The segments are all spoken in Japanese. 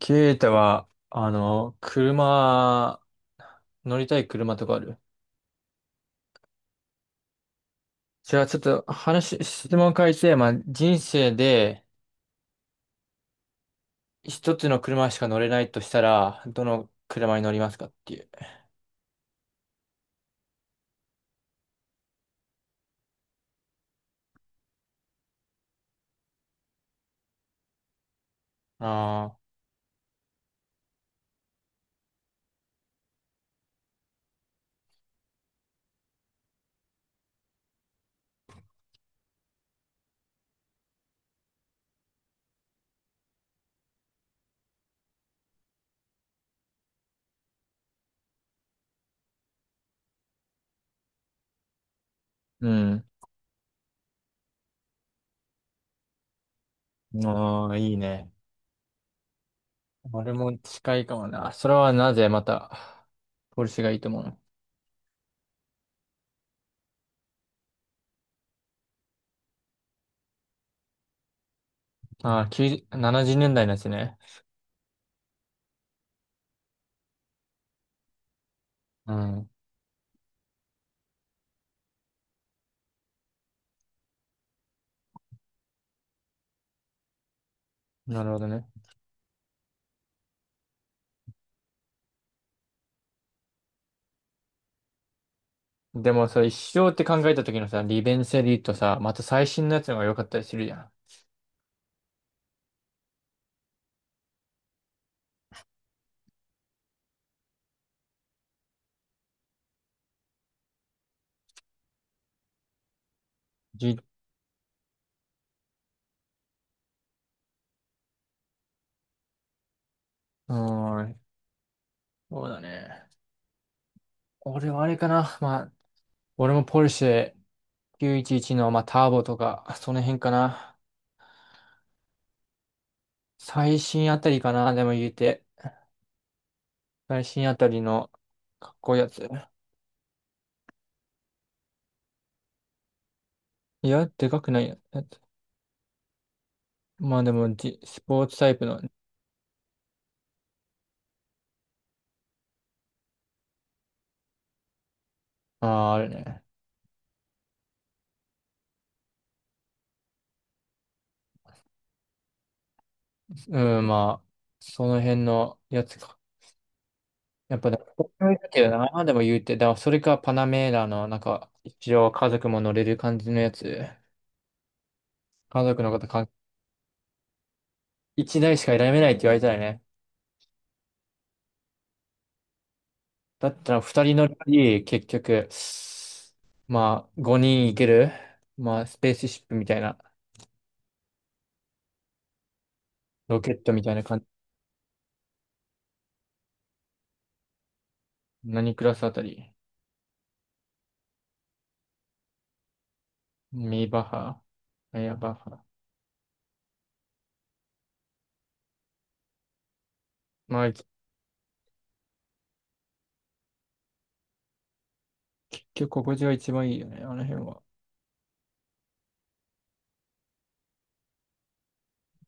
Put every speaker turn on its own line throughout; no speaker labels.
ケイタは、乗りたい車とかある？じゃあちょっと質問変えて、まあ、人生で一つの車しか乗れないとしたら、どの車に乗りますかっていう。ああ、うん。ああ、いいね。俺も近いかもな。それはなぜまた、ポルシェがいいと思うの？ああ、90、70年代のやつね。うん。なるほどね。でもさ、一生って考えた時のさ、利便性で言うとさ、また最新のやつの方が良かったりするじゃん。うーん、そうだね。俺はあれかな。まあ、俺もポルシェ911の、まあ、ターボとか、その辺かな。最新あたりかな、でも言うて。最新あたりのかっこいいやつ。いや、でかくないやつ。まあでも、スポーツタイプの、ああ、あるね。うん、まあ、その辺のやつか。やっぱでも、こっちだけどな、でも言うて。だからそれかパナメーラの、なんか、一応家族も乗れる感じのやつ。家族の方、一台しか選べないって言われたらね。だったら二人乗りより、結局、まあ、五人行ける、まあ、スペースシップみたいな、ロケットみたいな感じ。何クラスあたり？ミーバッハ、エアバッハ。まあ、結局、心地が一番いいよね、あの辺は。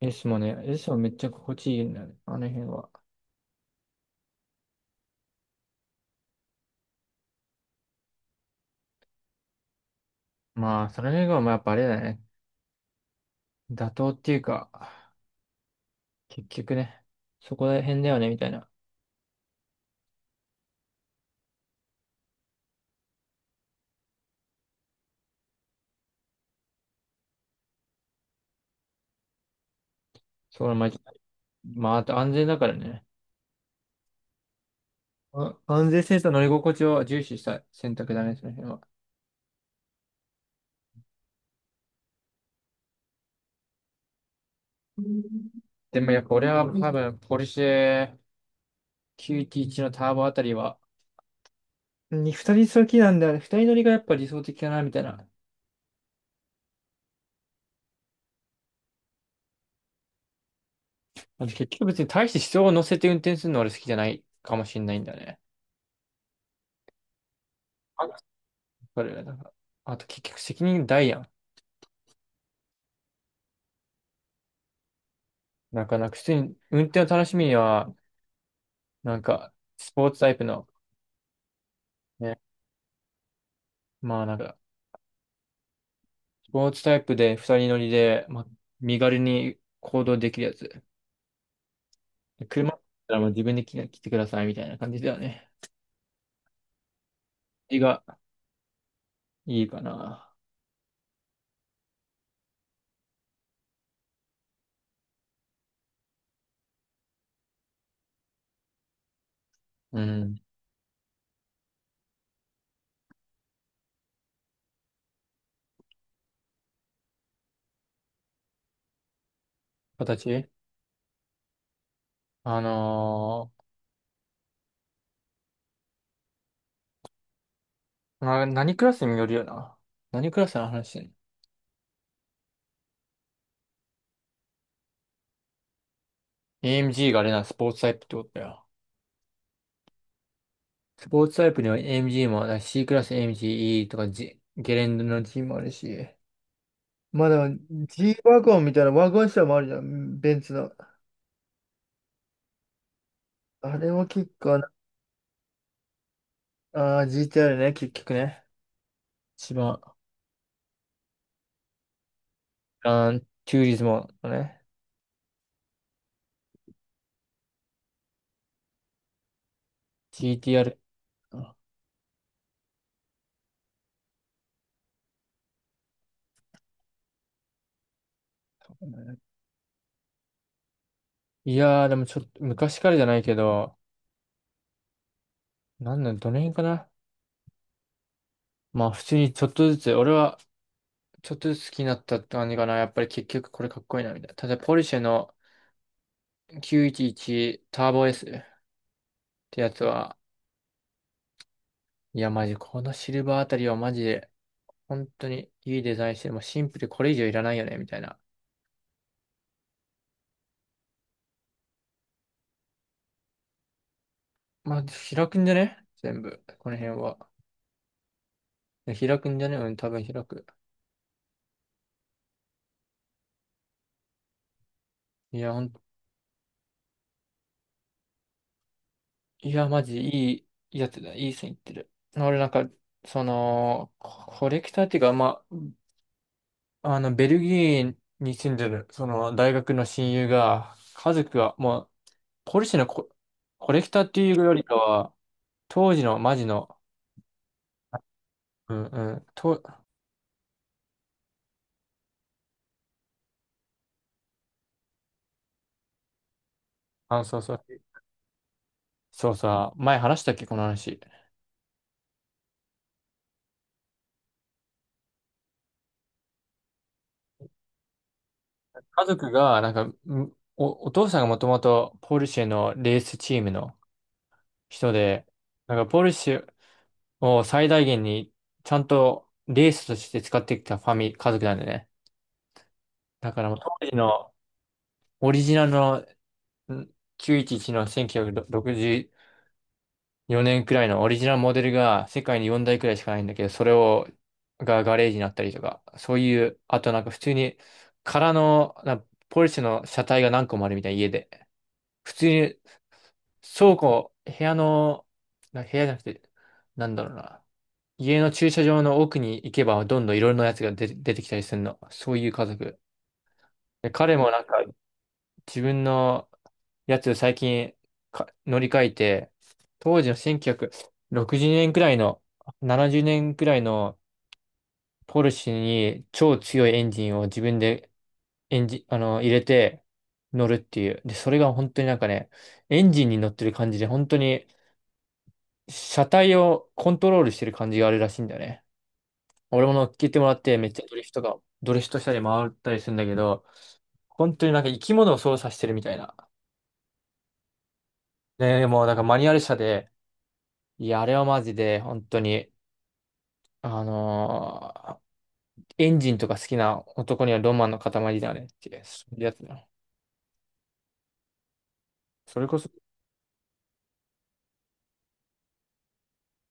S もね、S もめっちゃ心地いいんだよね、あの辺は。まあ、その辺が、まあ、やっぱあれだね。妥当っていうか、結局ね、そこら辺だよね、みたいな。そう、まあ、まあ、あと安全だからね。安全性と乗り心地を重視した選択だね、その辺は。でもやっぱ俺は多分、ポルシェ911のターボあたりは、に二人好きなんだよね。二人乗りがやっぱ理想的かな、みたいな。あと結局別に大して人を乗せて運転するの俺好きじゃないかもしれないんだよね。あそれなんかあと結局責任大やん。なんか普通に運転を楽しみには、なんか、スポーツタイプの、ね、まあなんか、スポーツタイプで二人乗りで、まあ、身軽に行動できるやつ。車だったらもう自分で来てくださいみたいな感じだよね。絵がいいかな。うん。形あの何クラスによるよな。何クラスの話してんの？ AMG があれな、スポーツタイプってことだよ。スポーツタイプには AMG もあるし、C クラス AMGE とか、G、ゲレンデの G もあるし。まだ G ワゴンみたいなワゴン車もあるじゃん、ベンツの。あれも結構な、GTR ね、結局ね。一番、チューリズムのね、GTR。いやー、でもちょっと、昔からじゃないけど、なんだ、どの辺かな。まあ、普通にちょっとずつ、俺はちょっとずつ好きになったって感じかな。やっぱり結局これかっこいいな、みたいな。例えば、ポルシェの911ターボ S ってやつは、いや、マジ、このシルバーあたりはマジで、本当にいいデザインして、もうシンプルでこれ以上いらないよね、みたいな。まあ、開くんじゃね全部、この辺は。開くんじゃね、うん、多分開く。いや、本いや、マジいいやつだ。いい線いってる。俺なんか、その、レクターっていうか、まあ、あの、ベルギーに住んでる、その、大学の親友が、家族が、もう、ポルシェのコレクターっていうよりかは、当時のマジの、うんうん、そうそう、そうさ、前話したっけ、この話。家族が、なんか、んお父さんがもともとポルシェのレースチームの人で、なんかポルシェ、を最大限にちゃんとレースとして使ってきたファミ、家族なんでね。だからもう当時のオリジナルのん911の1964年くろくじゅうよねんくらいのオリジナルモデルが世界に4台くらいしかないんだけど、それがガレージになったりとか、そういう、あとなんか普通に空のポルシェの車体が何個もあるみたいな家で、普通に倉庫、部屋の、部屋じゃなくて、なんだろうな。家の駐車場の奥に行けばどんどんいろいろなやつが出てきたりするの。そういう家族。で彼もなんか自分のやつ最近乗り換えて、当時の1960年くろくじゅうねんくらいの、70年くらいのポルシェに超強いエンジンを自分でエンジン、あの、入れて乗るっていう。で、それが本当になんかね、エンジンに乗ってる感じで、本当に車体をコントロールしてる感じがあるらしいんだよね。俺も乗っけてもらって、めっちゃドリフトしたり回ったりするんだけど、本当になんか生き物を操作してるみたいな。ね、もうなんかマニュアル車で、いや、あれはマジで、本当に、あのーエンジンとか好きな男にはロマンの塊だよねっていう、そういうやつだ。それこそ、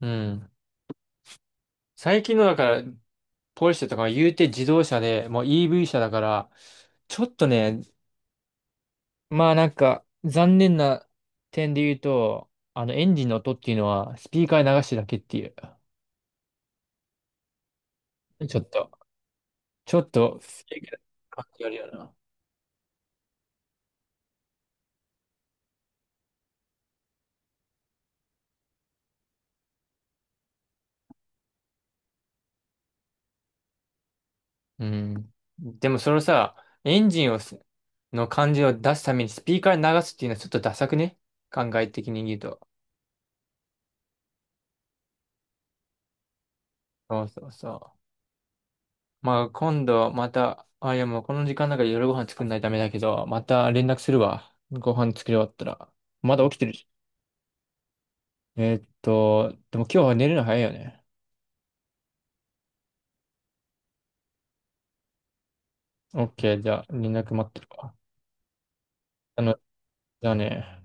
うん。最近のだから、ポルシェとかは言うて自動車で、もう EV 車だから、ちょっとね、まあなんか、残念な点で言うと、あの、エンジンの音っていうのは、スピーカーに流してるだけっていう。ちょっと、ちょっと、不正解な感じあるよな。うん。でもそのさ、エンジンの感じを出すためにスピーカーに流すっていうのはちょっとダサくね考え的に言うと。そうそうそう。まあ今度また、いやもうこの時間だから夜ご飯作んないとダメだけど、また連絡するわ。ご飯作り終わったら。まだ起きてるし。でも今日は寝るの早いよね。OK、じゃあ、連絡待ってるわ。あの、じゃあね。